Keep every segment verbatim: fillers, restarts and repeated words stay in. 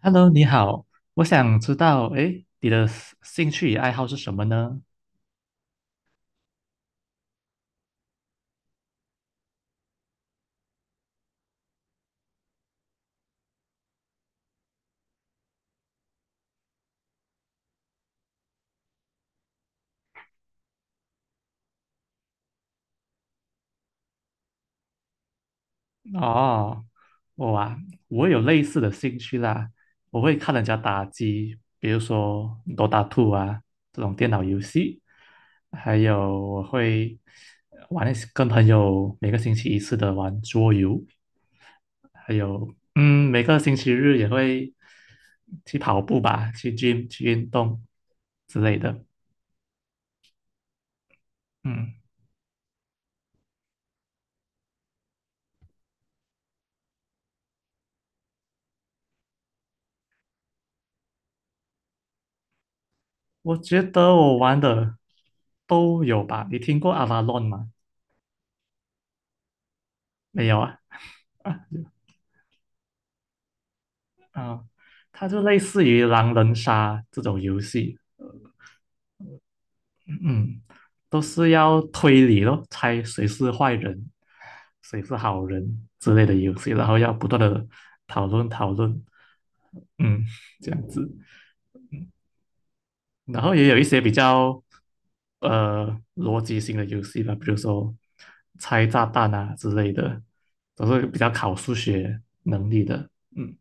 Hello，你好，我想知道，诶，你的兴兴趣与爱好是什么呢？哦，我啊，我有类似的兴趣啦，我会看人家打机，比如说《Dota 二》啊这种电脑游戏，还有我会玩一些跟朋友每个星期一次的玩桌游，还有嗯，每个星期日也会去跑步吧，去 gym 去运动之类的，嗯。我觉得我玩的都有吧。你听过 a v a l o 吗？没有啊？啊，它就类似于狼人杀这种游戏，嗯，都是要推理咯，猜谁是坏人，谁是好人之类的游戏，然后要不断的讨论讨论，嗯，这样子。然嗯后也有一些比较呃逻辑性的游戏吧，比如说拆炸弹啊之类的，都是比较考数学能力的。嗯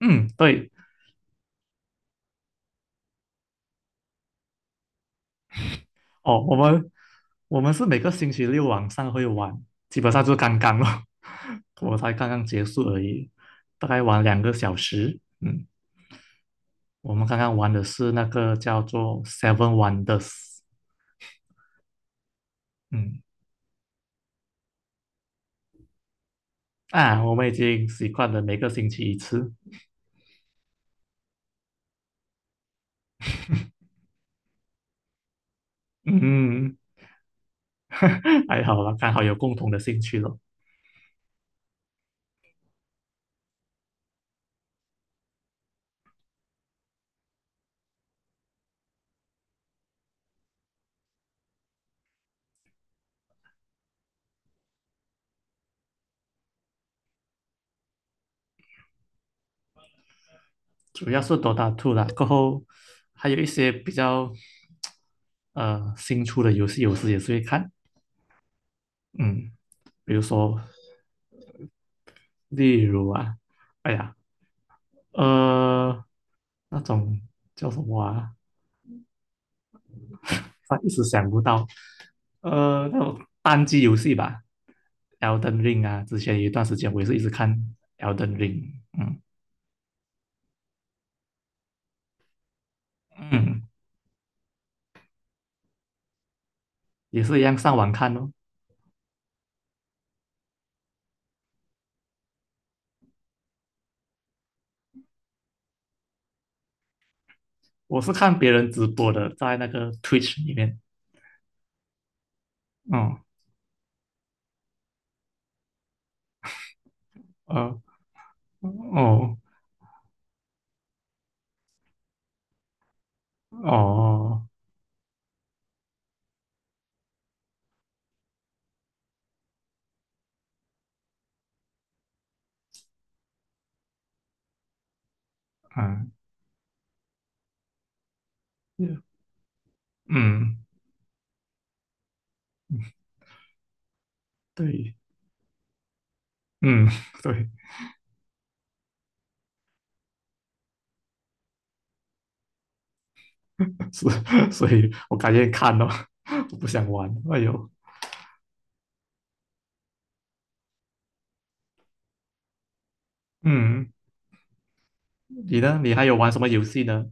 嗯，对哦，我们我们是每个星期六晚上会玩，基本上就是刚刚哦，我才刚刚结束而已，大概玩两个小时。嗯，我们刚刚玩的是那个叫做 Seven Wonders。嗯啊，我们已经习惯了每个星期一次。嗯。还好啦，刚好有共同的兴趣咯，主要是 Dota 二啦，过后还有一些比较呃新出的游戏，有时也是会看，嗯，比如说例如啊，哎呀，呃，那种叫什么啊，他一时想不到，呃，那种单机游戏吧，Elden Ring 啊，之前有一段时间我也是一直看 Elden Ring,嗯嗯，也是一样上网看哦，我是看别人直播的，在那个 Twitch 里面。哦，呃，哦，哦，嗯，嗯，对，嗯，对，是，所以我感觉看了，我不想玩。哎呦，嗯，你呢？你还有玩什么游戏呢？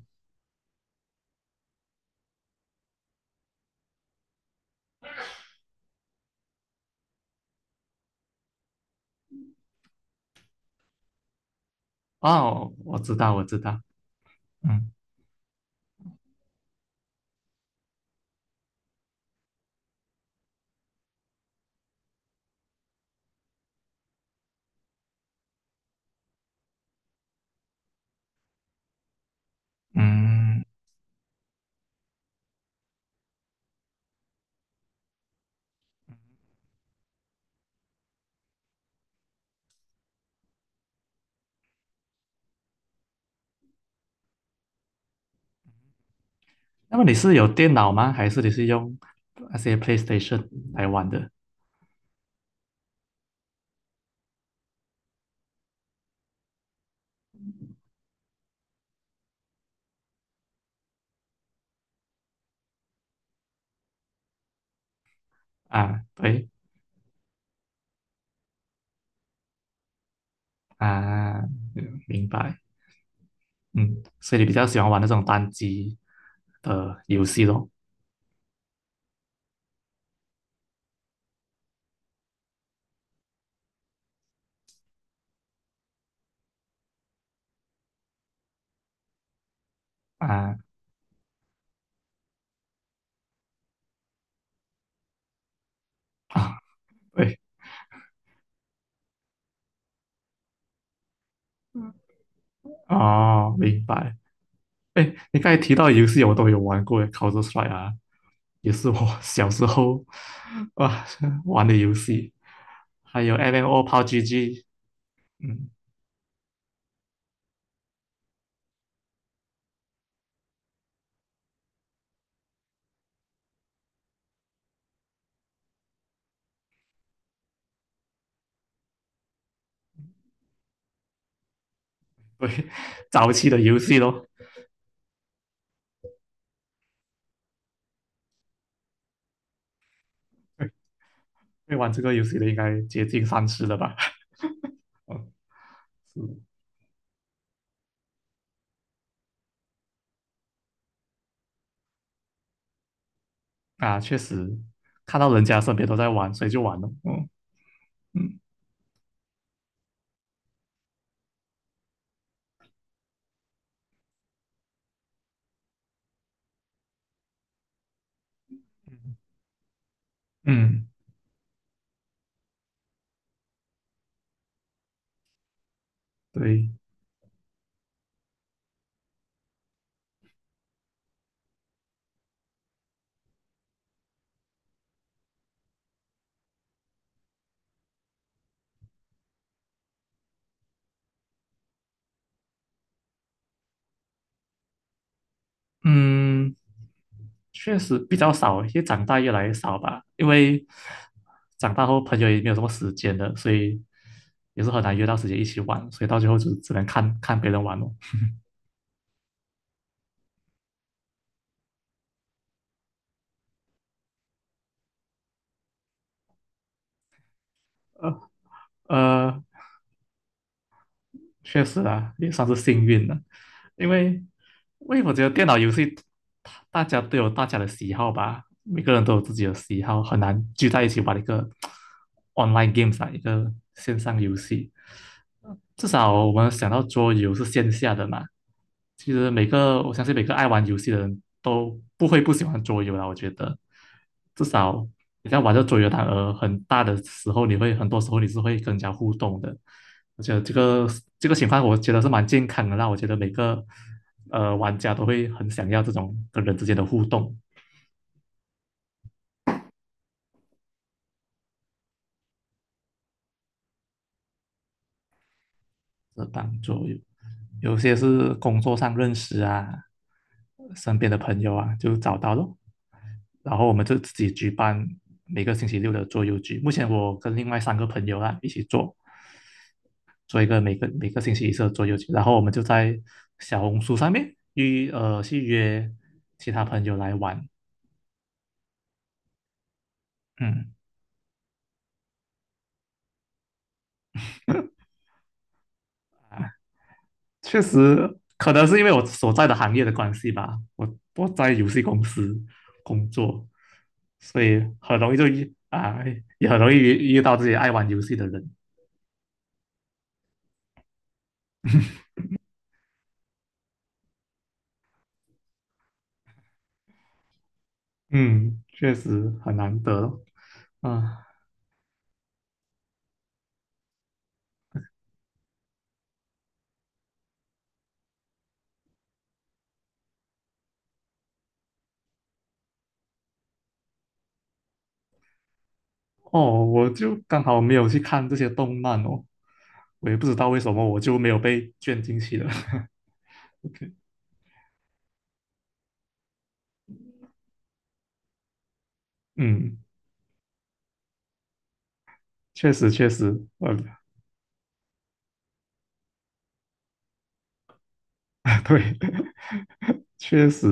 哦，我知道，我知道。嗯嗯，那么你是有电脑吗？还是你是用那些 PlayStation 来玩的？啊，对啊，明白。嗯，所以你比较喜欢玩那种单机的游戏咯？啊啊，对，哦，明白。哎，你刚才提到游戏，我都有玩过，Counter Strike 啊，也是我 小时候啊玩的游戏，还有 M M O、P U B G,嗯，对，早期的游戏咯。会会玩这个游戏的应该接近三十了吧？嗯，是啊，确实看到人家身边都在玩，所以就玩了。嗯嗯嗯，对。嗯，确实比较少，因为长大越来越少吧。因为长大后朋友也没有什么时间了，所以也是很难约到时间一起玩，所以到最后就只能看看别人玩哦。呃呃，确实啊，也算是幸运了，因为因为我觉得电脑游戏大家都有大家的喜好吧，每个人都有自己的喜好，很难聚在一起玩一个 online games 啊，一个线上游戏。至少我们想到桌游是线下的嘛，其实每个我相信每个爱玩游戏的人都不会不喜欢桌游啦。我觉得，至少你在玩这桌游，它呃很大的时候，你会很多时候你是会跟人家互动的。我觉得这个这个情况，我觉得是蛮健康的啦。我觉得每个呃玩家都会很想要这种跟人之间的互动。是帮助有有些是工作上认识啊，身边的朋友啊，就找到咯。然后我们就自己举办每个星期六的桌游局。目前我跟另外三个朋友啊一起做，做一个每个每个星期一次的桌游局。然后我们就在小红书上面预呃去约其他朋友来玩，嗯。确实，可能是因为我所在的行业的关系吧，我我在游戏公司工作，所以很容易就遇啊，也很容易遇遇到自己爱玩游戏的人。嗯，确实很难得啊。哦，我就刚好没有去看这些动漫哦，我也不知道为什么我就没有被卷进去了。OK,嗯，确实确实，呃，对，确实，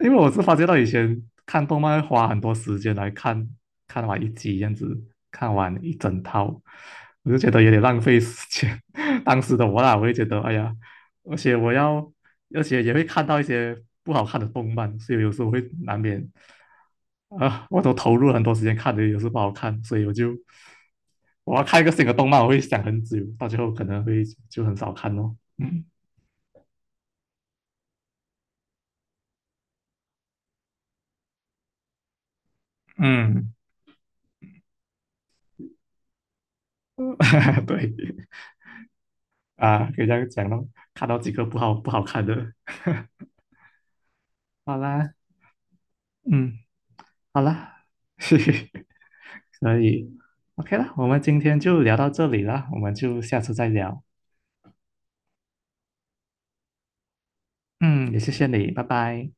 因为我是发觉到以前看动漫会花很多时间来看，看完一集这样子，看完一整套，我就觉得有点浪费时间。当时的我啦，我也觉得，哎呀，而且我要，而且也会看到一些不好看的动漫，所以有时候会难免，啊、我都投入了很多时间看的，有时候不好看，所以我就我要看一个新的动漫，我会想很久，到最后可能会就很少看哦。嗯。嗯 对啊，可以这样讲咯，看到几个不好不好看的，好啦，嗯，好啦，嘿嘿，所以 OK 啦，我们今天就聊到这里啦，我们就下次再聊，嗯，也谢谢你，拜拜。